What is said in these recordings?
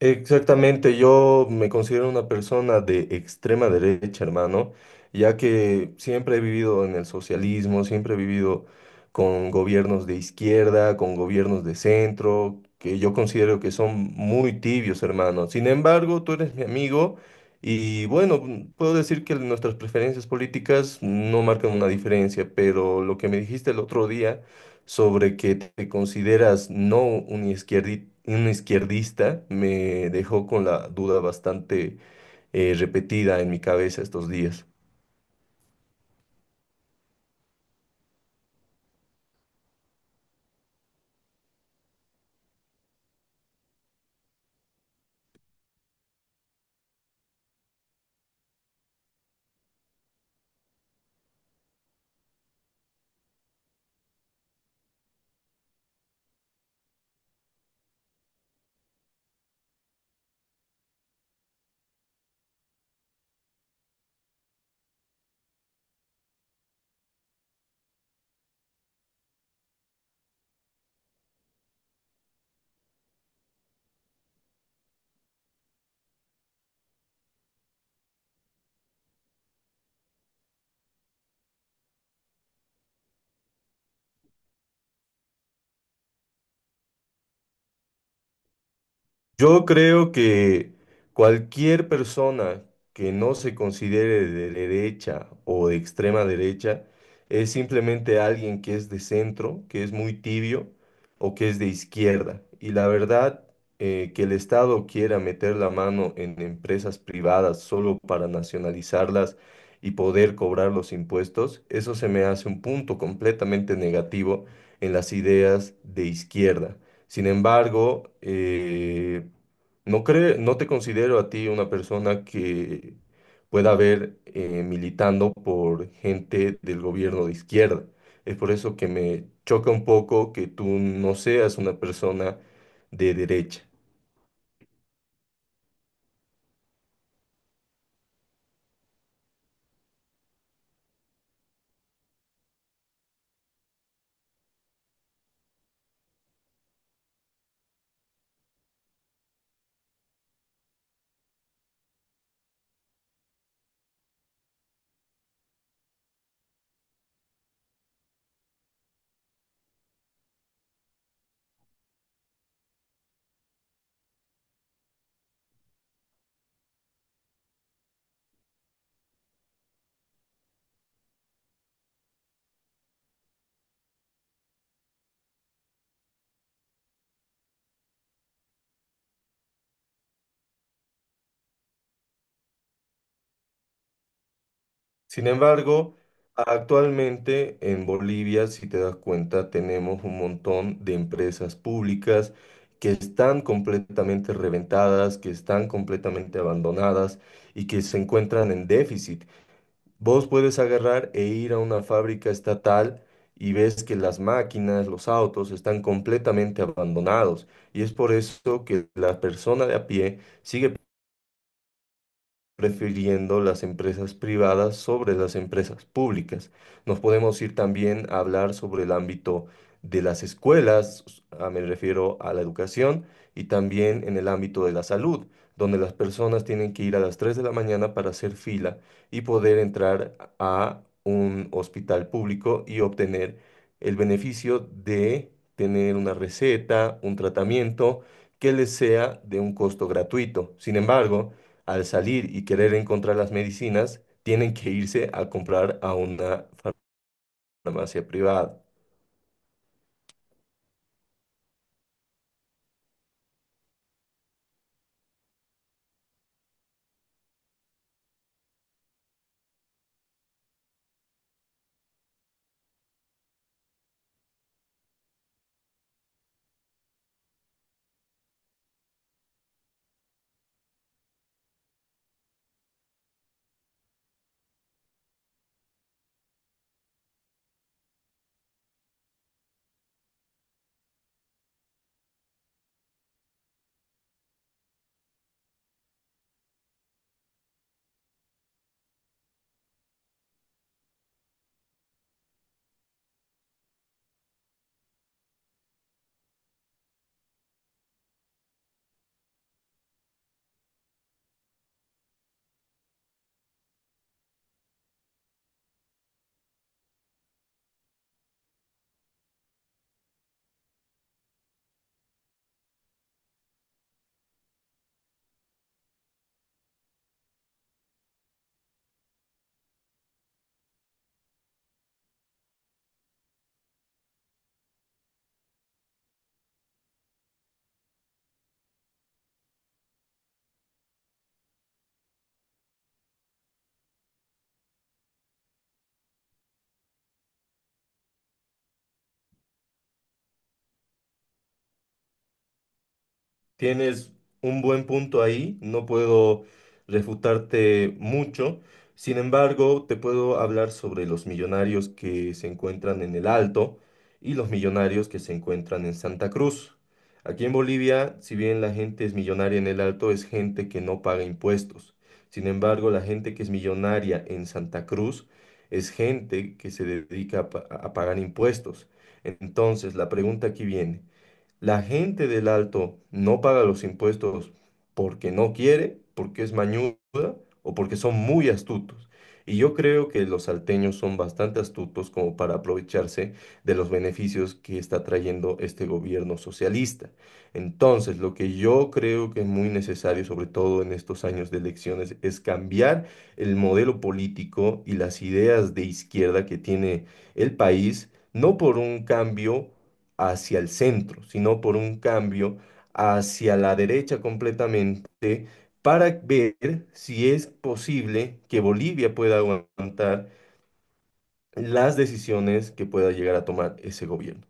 Exactamente, yo me considero una persona de extrema derecha, hermano, ya que siempre he vivido en el socialismo, siempre he vivido con gobiernos de izquierda, con gobiernos de centro, que yo considero que son muy tibios, hermano. Sin embargo, tú eres mi amigo y bueno, puedo decir que nuestras preferencias políticas no marcan una diferencia, pero lo que me dijiste el otro día sobre que te consideras no un un izquierdista me dejó con la duda bastante repetida en mi cabeza estos días. Yo creo que cualquier persona que no se considere de derecha o de extrema derecha es simplemente alguien que es de centro, que es muy tibio o que es de izquierda. Y la verdad, que el Estado quiera meter la mano en empresas privadas solo para nacionalizarlas y poder cobrar los impuestos, eso se me hace un punto completamente negativo en las ideas de izquierda. Sin embargo, no te considero a ti una persona que pueda ver militando por gente del gobierno de izquierda. Es por eso que me choca un poco que tú no seas una persona de derecha. Sin embargo, actualmente en Bolivia, si te das cuenta, tenemos un montón de empresas públicas que están completamente reventadas, que están completamente abandonadas y que se encuentran en déficit. Vos puedes agarrar e ir a una fábrica estatal y ves que las máquinas, los autos están completamente abandonados. Y es por eso que la persona de a pie sigue prefiriendo las empresas privadas sobre las empresas públicas. Nos podemos ir también a hablar sobre el ámbito de las escuelas, me refiero a la educación, y también en el ámbito de la salud, donde las personas tienen que ir a las 3 de la mañana para hacer fila y poder entrar a un hospital público y obtener el beneficio de tener una receta, un tratamiento que les sea de un costo gratuito. Sin embargo, al salir y querer encontrar las medicinas, tienen que irse a comprar a una farmacia privada. Tienes un buen punto ahí, no puedo refutarte mucho. Sin embargo, te puedo hablar sobre los millonarios que se encuentran en el Alto y los millonarios que se encuentran en Santa Cruz. Aquí en Bolivia, si bien la gente es millonaria en el Alto, es gente que no paga impuestos. Sin embargo, la gente que es millonaria en Santa Cruz es gente que se dedica a a pagar impuestos. Entonces, la pregunta aquí viene. La gente del Alto no paga los impuestos porque no quiere, porque es mañuda o porque son muy astutos. Y yo creo que los salteños son bastante astutos como para aprovecharse de los beneficios que está trayendo este gobierno socialista. Entonces, lo que yo creo que es muy necesario, sobre todo en estos años de elecciones, es cambiar el modelo político y las ideas de izquierda que tiene el país, no por un cambio hacia el centro, sino por un cambio hacia la derecha completamente para ver si es posible que Bolivia pueda aguantar las decisiones que pueda llegar a tomar ese gobierno.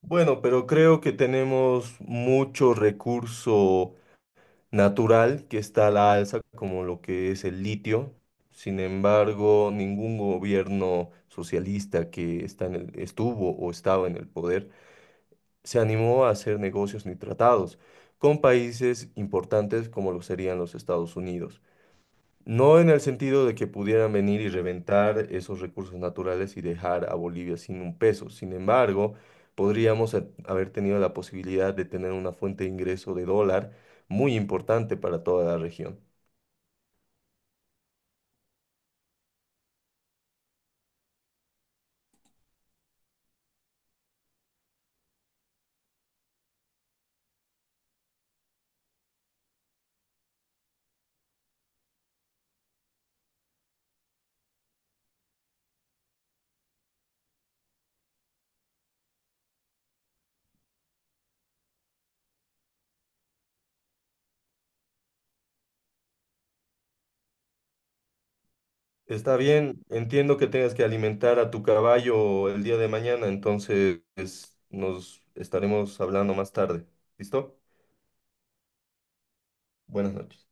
Bueno, pero creo que tenemos mucho recurso natural que está a la alza, como lo que es el litio. Sin embargo, ningún gobierno socialista que está en estuvo o estaba en el poder se animó a hacer negocios ni tratados con países importantes como lo serían los Estados Unidos. No en el sentido de que pudieran venir y reventar esos recursos naturales y dejar a Bolivia sin un peso. Sin embargo, podríamos haber tenido la posibilidad de tener una fuente de ingreso de dólar muy importante para toda la región. Está bien, entiendo que tengas que alimentar a tu caballo el día de mañana, entonces nos estaremos hablando más tarde. ¿Listo? Buenas noches.